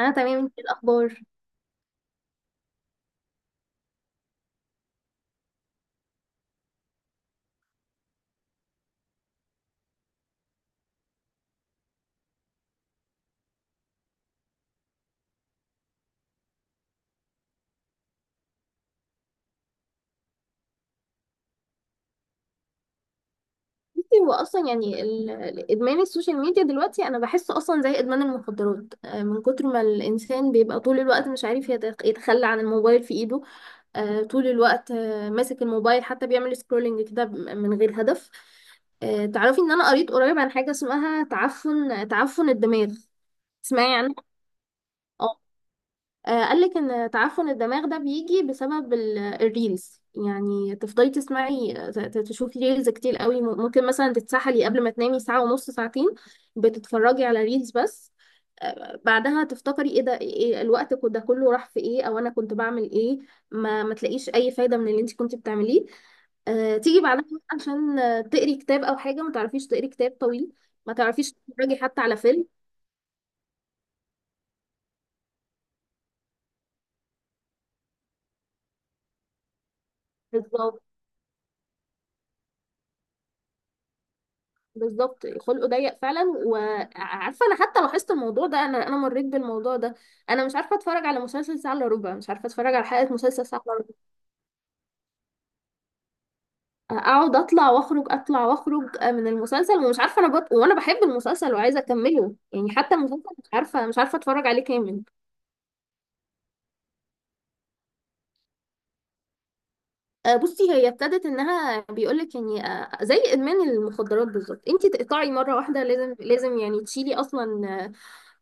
انا تمام، انت إيه الاخبار؟ بصي، هو اصلا يعني ادمان السوشيال ميديا دلوقتي انا بحسه اصلا زي ادمان المخدرات. من كتر ما الانسان بيبقى طول الوقت مش عارف يتخلى عن الموبايل في ايده. طول الوقت ماسك الموبايل، حتى بيعمل سكرولنج كده من غير هدف. تعرفي ان انا قريت قريب عن حاجه اسمها تعفن الدماغ؟ تسمعي عنها؟ آه. قالك ان تعفن الدماغ ده بيجي بسبب الريلز. يعني تفضلي تسمعي تشوفي ريلز كتير قوي، ممكن مثلا تتسحلي قبل ما تنامي ساعة ونص، ساعتين. بتتفرجي على ريلز بس. بعدها تفتكري ايه ده، إيه الوقت ده كله راح في ايه، او انا كنت بعمل ايه. ما تلاقيش اي فايدة من اللي انت كنت بتعمليه. تيجي بعدها عشان تقري كتاب او حاجة، ما تعرفيش تقري كتاب طويل، ما تعرفيش تتفرجي حتى على فيلم. بالظبط، بالظبط خلقه ضيق فعلا، وعارفه، انا حتى لاحظت الموضوع ده، انا مريت بالموضوع ده. انا مش عارفه اتفرج على مسلسل ساعه الا ربع، مش عارفه اتفرج على حلقه مسلسل ساعه الا ربع. اقعد اطلع واخرج، اطلع واخرج من المسلسل، ومش عارفه انا وانا بحب المسلسل وعايزه اكمله يعني، حتى المسلسل مش عارفه اتفرج عليه كامل. بصي، هي ابتدت انها بيقولك يعني، زي ادمان المخدرات بالظبط، انت تقطعي مره واحده، لازم لازم يعني تشيلي اصلا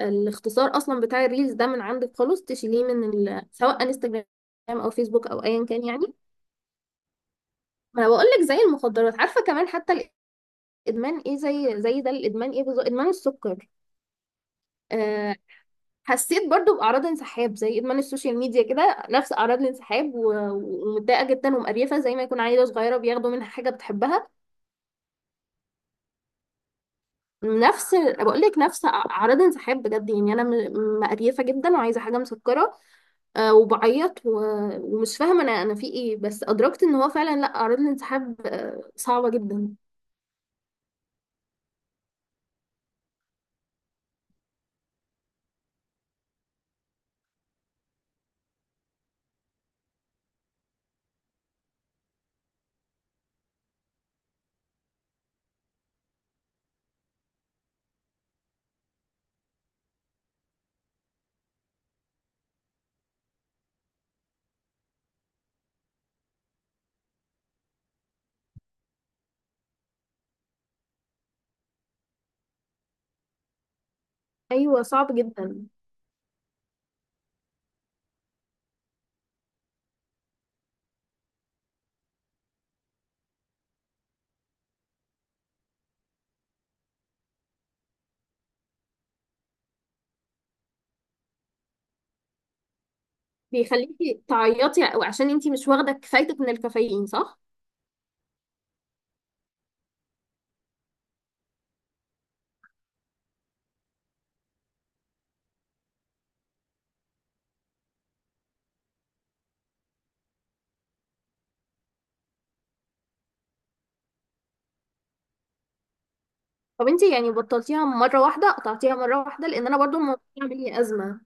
الاختصار اصلا بتاع الريلز ده من عندك خالص، تشيليه من سواء انستجرام او فيسبوك او ايا كان يعني. ما بقول لك زي المخدرات، عارفه كمان حتى الادمان ايه، زي ده الادمان ايه، بالظبط ادمان السكر. أه. حسيت برضو باعراض انسحاب زي ادمان السوشيال ميديا كده، نفس اعراض الانسحاب ومتضايقه جدا ومقريفه، زي ما يكون عيله صغيره بياخدوا منها حاجه بتحبها. نفس... بقول لك نفس اعراض انسحاب بجد يعني، انا مقريفه جدا وعايزه حاجه مسكره. وبعيط ومش فاهمه انا في ايه، بس ادركت ان هو فعلا، لا، اعراض الانسحاب صعبه جدا. ايوه، صعب جدا. بيخليكي تعيطي، وعشان انتي مش واخده كفايتك من الكافيين، صح؟ طب انتي يعني بطلتيها مره واحده، قطعتيها مره واحده، لان انا برضو الموضوع عامل لي ازمه.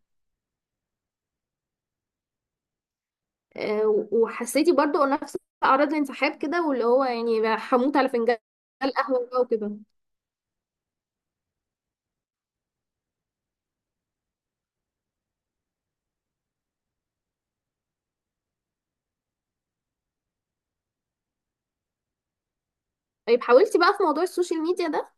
وحسيتي برضو نفس اعراض الانسحاب كده، واللي هو يعني هموت على فنجان القهوه بقى وكده. طيب، حاولتي بقى في موضوع السوشيال ميديا ده؟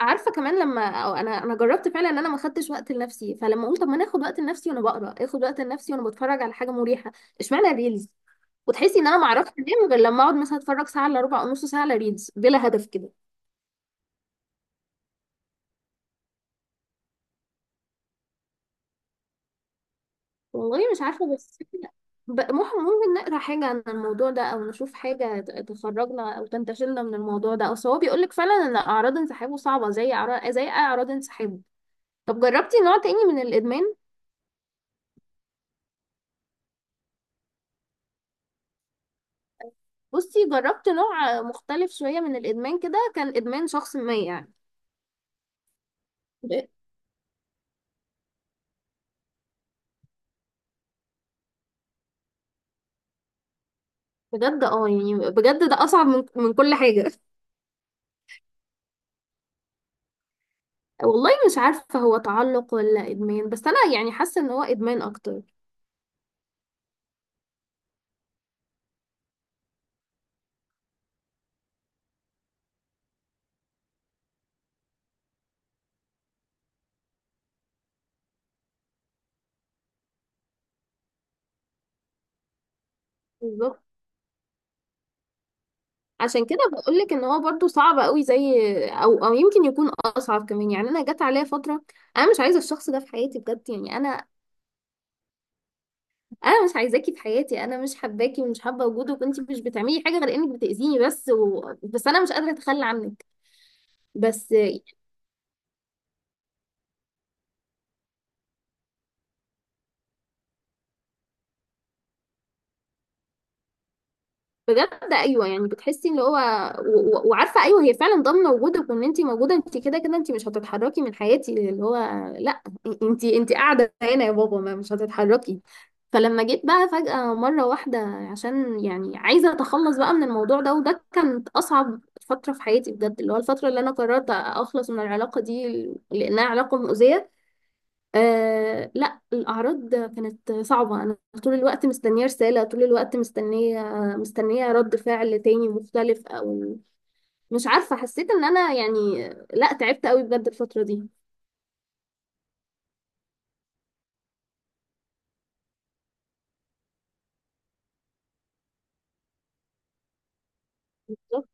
عارفه كمان، لما أو انا جربت فعلا ان انا ما خدتش وقت لنفسي، فلما قلت طب ما انا اخد وقت لنفسي وانا بقرا، اخد وقت لنفسي وانا بتفرج على حاجه مريحه، اشمعنى الريلز؟ وتحسي ان انا ما اعرفش انام غير لما اقعد مثلا اتفرج ساعه الا ربع او نص ساعه على ريلز بلا هدف كده. والله مش عارفه، بس ممكن نقرا حاجه عن الموضوع ده او نشوف حاجه تخرجنا او تنتشلنا من الموضوع ده، اصل هو بيقول لك فعلا ان اعراض انسحابه صعبه، زي اعراض انسحاب. طب جربتي نوع تاني من الادمان؟ بصي، جربت نوع مختلف شوية من الإدمان كده، كان إدمان شخص ما يعني ب- بجد، اه، يعني بجد ده أصعب من كل حاجة. والله مش عارفة، هو تعلق ولا إدمان، بس أنا يعني حاسة إن هو إدمان أكتر. بالظبط. عشان كده بقولك إن هو برضو صعب قوي، زي أو يمكن يكون أصعب كمان، يعني أنا جت عليا فترة أنا مش عايزة الشخص ده في حياتي، بجد يعني أنا أنا مش عايزاكي في حياتي، أنا مش حباكي ومش حابة وجودك، وأنتي مش بتعملي حاجة غير إنك بتأذيني بس بس أنا مش قادرة أتخلى عنك. بس بجد، ايوه يعني بتحسي ان هو وعارفه، ايوه هي فعلا ضامنه وجودك وان انت موجوده، انت كده كده انت مش هتتحركي من حياتي، اللي هو لا، انت قاعده هنا يا بابا، ما مش هتتحركي. فلما جيت بقى فجأة مرة واحدة، عشان يعني عايزة أتخلص بقى من الموضوع ده، وده كانت أصعب فترة في حياتي بجد، اللي هو الفترة اللي أنا قررت أخلص من العلاقة دي، لأنها علاقة مؤذية. آه لا، الأعراض كانت صعبة، أنا طول الوقت مستنية رسالة، طول الوقت مستنية، مستنية رد فعل تاني مختلف، أو مش عارفة، حسيت إن أنا يعني، لا، تعبت قوي بجد الفترة دي. بالظبط.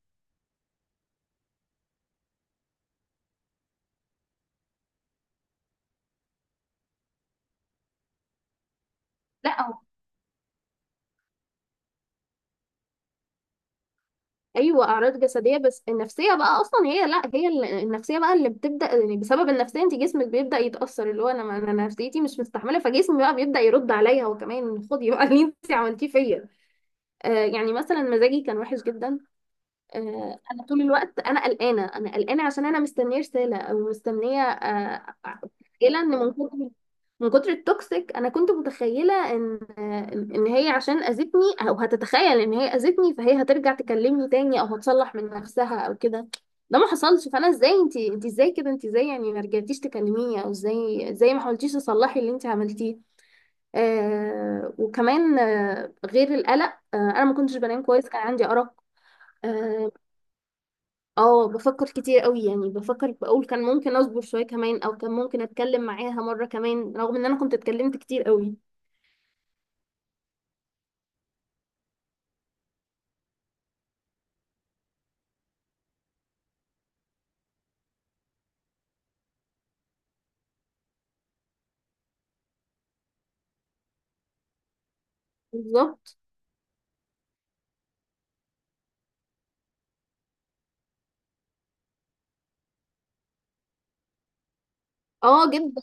لا أهو. أيوة، أعراض جسدية، بس النفسية بقى أصلا هي، لا، هي النفسية بقى اللي بتبدأ، يعني بسبب النفسية أنت جسمك بيبدأ يتأثر، اللي هو أنا نفسيتي مش مستحملة فجسمي بقى بيبدأ يرد عليا هو كمان، خدي بقى اللي أنت عملتيه فيا. يعني مثلا مزاجي كان وحش جدا. انا طول الوقت انا قلقانه، عشان انا مستنيه رساله او مستنيه متخيله ان من كتر التوكسيك، انا كنت متخيله ان هي عشان اذتني، او هتتخيل ان هي اذتني فهي هترجع تكلمني تاني او هتصلح من نفسها او كده. ده ما حصلش، فانا ازاي، انت ازاي كده، انت ازاي يعني ما رجعتيش تكلميني، او ازاي ما حاولتيش تصلحي اللي انت عملتيه. وكمان، غير القلق، انا ما كنتش بنام كويس، كان عندي ارق. آه، اه، بفكر كتير قوي، يعني بفكر بقول كان ممكن اصبر شويه كمان، او كان ممكن اتكلم معاها مره كمان، رغم ان انا كنت اتكلمت كتير قوي. بالظبط. اه، جدا.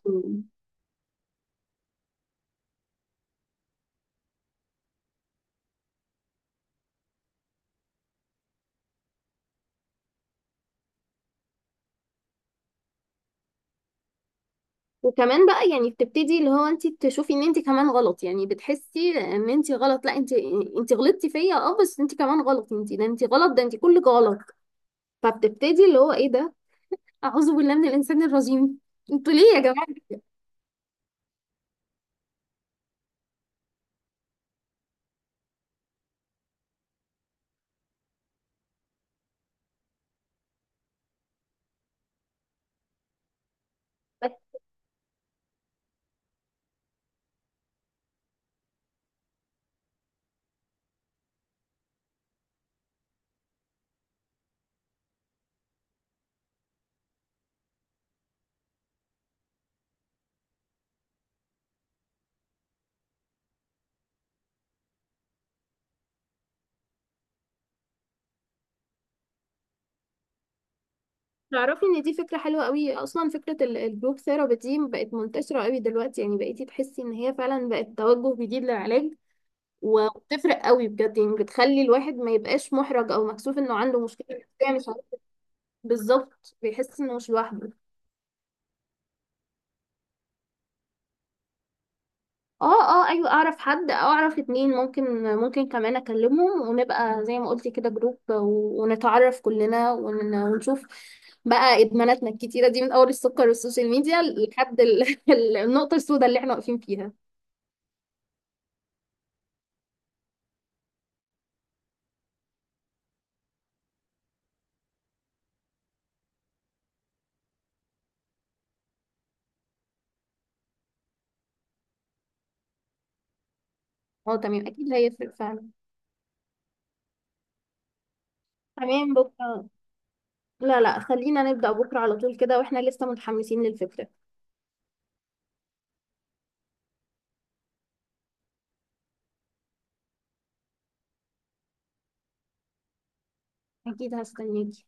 وكمان بقى يعني بتبتدي، اللي هو انت تشوفي ان انت كمان غلط، يعني بتحسي ان انت غلط، لا انت، انت غلطتي فيا، اه، بس انت كمان غلط، انت غلط، ده انت كلك غلط. فبتبتدي اللي هو ايه ده، اعوذ بالله من الانسان الرجيم! انتوا ليه يا جماعه؟ تعرفي ان دي فكرة حلوة قوي اصلا، فكرة الجروب ثيرابي دي بقت منتشرة قوي دلوقتي، يعني بقيتي تحسي ان هي فعلا بقت توجه جديد للعلاج، وبتفرق قوي بجد، يعني بتخلي الواحد ما يبقاش محرج او مكسوف انه عنده مشكلة نفسية مش عارف. بالظبط، بيحس انه مش لوحده. اه، اه، ايوه اعرف حد او اعرف اتنين، ممكن، ممكن كمان اكلمهم، ونبقى زي ما قلتي كده جروب ونتعرف كلنا ونشوف بقى ادماناتنا الكتيرة دي، من اول السكر والسوشيال ميديا لحد النقطة السوداء اللي احنا واقفين فيها. اه، تمام، اكيد هيفرق فعلا. تمام، بكرة؟ لا، لا، خلينا نبدأ بكرة على طول كده واحنا لسه متحمسين للفكرة. اكيد، هستناكي.